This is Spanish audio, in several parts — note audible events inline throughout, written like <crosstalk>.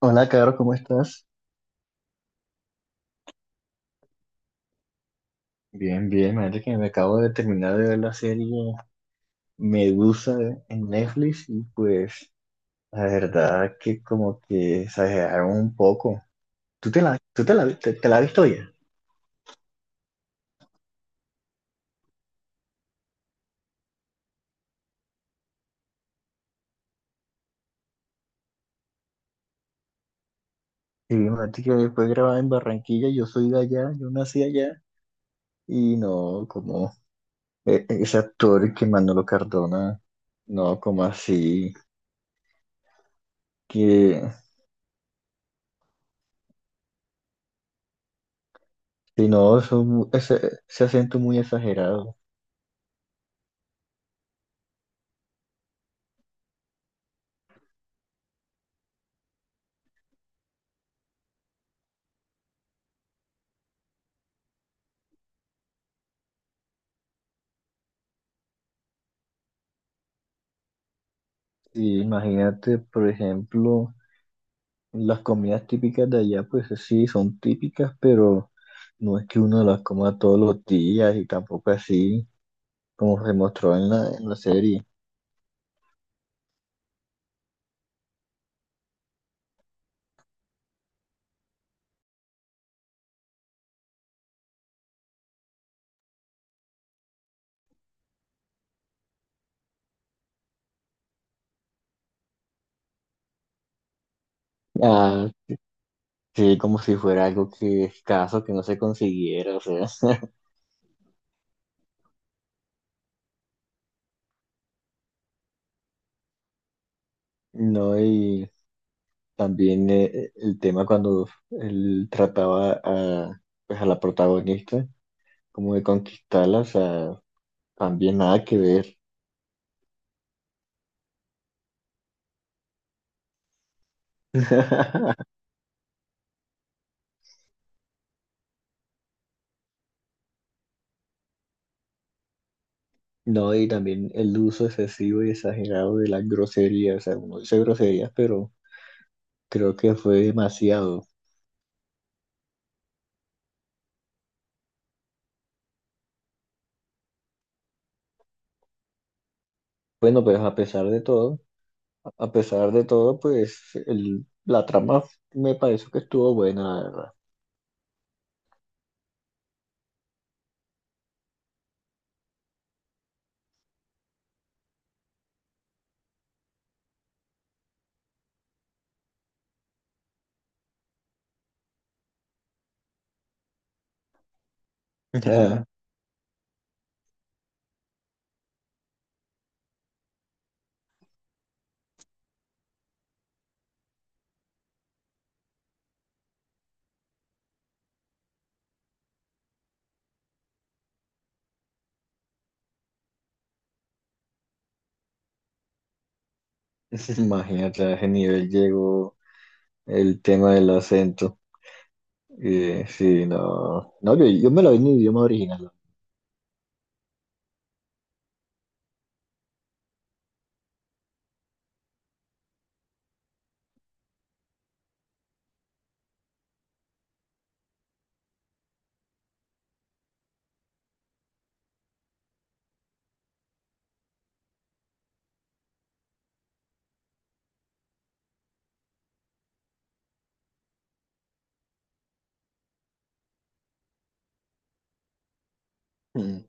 Hola, Caro, ¿cómo estás? Bien, bien, imagínate que me acabo de terminar de ver la serie Medusa en Netflix y pues la verdad que como que exageraron un poco. Tú te la, te la has visto ya? Sí, imagínate que fue grabada en Barranquilla, yo soy de allá, yo nací allá y no, como ese actor que Manolo Cardona, no, como así, que si no, eso ese, ese acento muy exagerado. Y imagínate, por ejemplo, las comidas típicas de allá, pues sí, son típicas, pero no es que uno las coma todos los días y tampoco así como se mostró en la serie. Ah, sí, como si fuera algo que escaso, que no se consiguiera, o sea, <laughs> no, y también el tema cuando él trataba a, pues, a la protagonista, como de conquistarla, o sea, también nada que ver. <laughs> No, y también el uso excesivo y exagerado de las groserías. O sea, uno dice groserías, pero creo que fue demasiado. Bueno, a pesar de todo, pues la trama me pareció que estuvo buena, la verdad. O sea, <laughs> imagínate a ese nivel llegó el tema del acento. Sí, no. No, yo me lo vi en idioma original. Mm.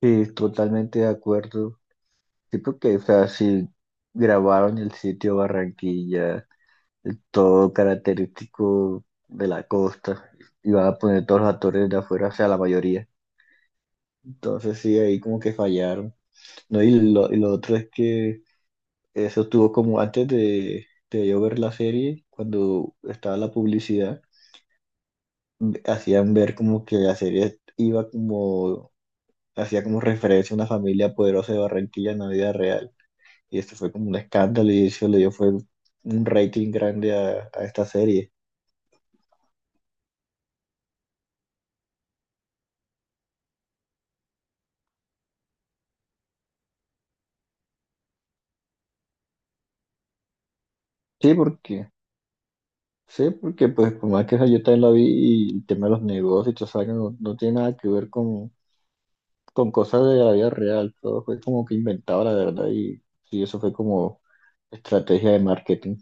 Sí, totalmente de acuerdo. Sí, porque, o sea, si grabaron el sitio Barranquilla todo característico de la costa. Iban a poner todos los actores de afuera, o sea, la mayoría. Entonces sí, ahí como que fallaron. No, y lo otro es que eso estuvo como antes de yo ver la serie, cuando estaba la publicidad, hacían ver como que la serie iba como, hacía como referencia a una familia poderosa de Barranquilla en la vida real. Y esto fue como un escándalo y eso le dio fue un rating grande a esta serie. Sí, porque Sí, porque pues por más que esa yo también la vi y el tema de los negocios y todo eso, no, no tiene nada que ver con cosas de la vida real, todo fue como que inventado la verdad y sí, eso fue como estrategia de marketing,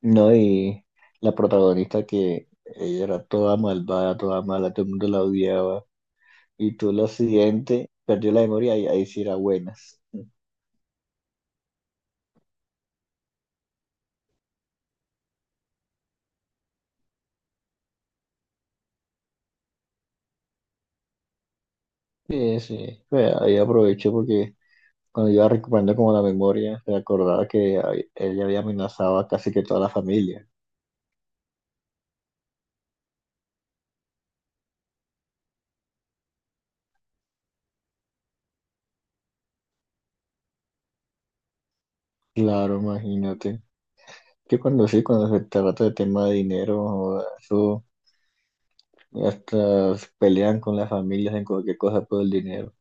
¿no? Y la protagonista que ella era toda malvada, toda mala, todo el mundo la odiaba y todo lo siguiente, perdió la memoria y ahí sí era buenas. Sí, sí, pues, ahí aproveché porque cuando iba recuperando como la memoria, me acordaba que ella había amenazado a casi que toda la familia. Claro, imagínate. Que cuando sí, cuando se trata de tema de dinero, joda, eso hasta se pelean con las familias en cualquier cosa por el dinero.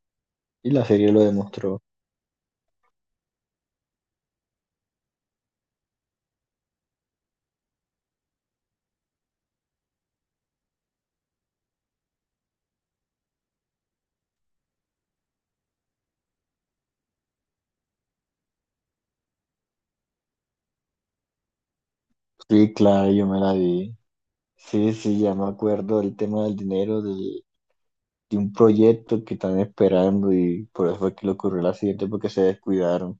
Y la serie lo demostró. Sí, claro, yo me la vi. Sí, sí, ya me acuerdo del tema del dinero, de un proyecto que están esperando y por eso fue que le ocurrió el accidente porque se descuidaron.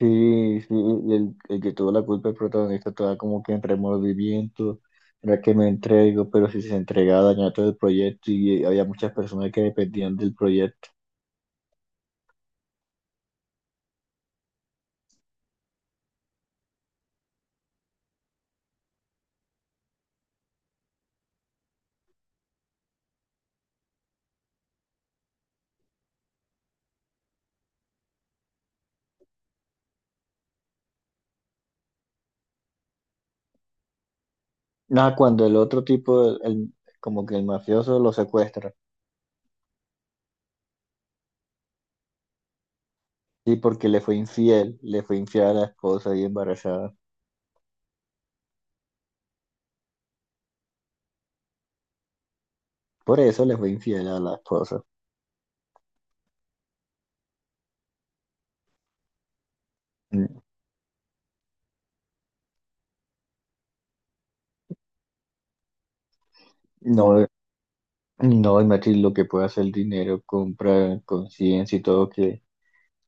Sí, sí, el que tuvo la culpa, el protagonista, estaba como que en remordimiento, era que me entrego, pero si se entregaba dañaba todo el proyecto y había muchas personas que dependían del proyecto. Nada, cuando el otro tipo, como que el mafioso lo secuestra, sí, porque le fue infiel a la esposa y embarazada. Por eso le fue infiel a la esposa. Mm. No, no, Matilde, lo que puede hacer el dinero, compra conciencia y todo, que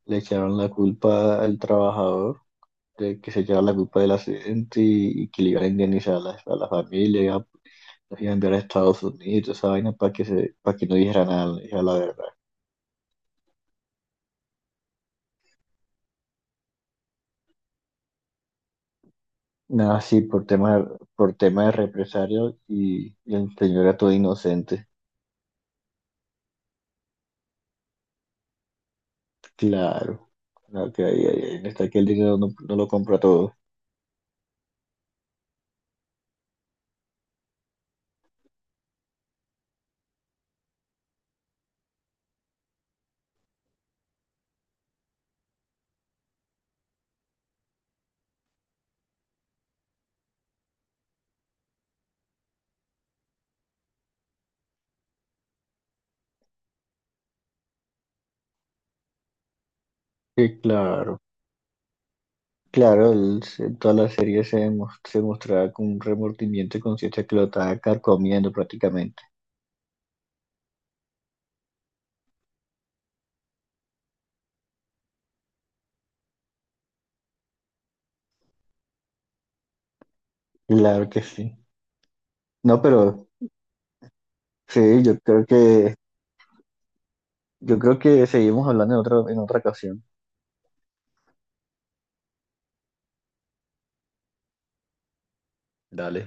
le echaron la culpa al trabajador, de que se lleva la culpa del accidente y que le iban a indemnizar a a la familia, los iba a enviar a Estados Unidos, esa vaina para que se, para que no dijera nada, no dijera la verdad. Nada, sí, por tema de represario y el señor era todo inocente. Claro, ahí está que el dinero no, no lo compra todo. Sí, claro. Claro, en toda la serie se mostraba con un remordimiento y conciencia que lo estaba carcomiendo prácticamente. Claro que sí. No, pero sí, yo creo que seguimos hablando en otra ocasión. Dale.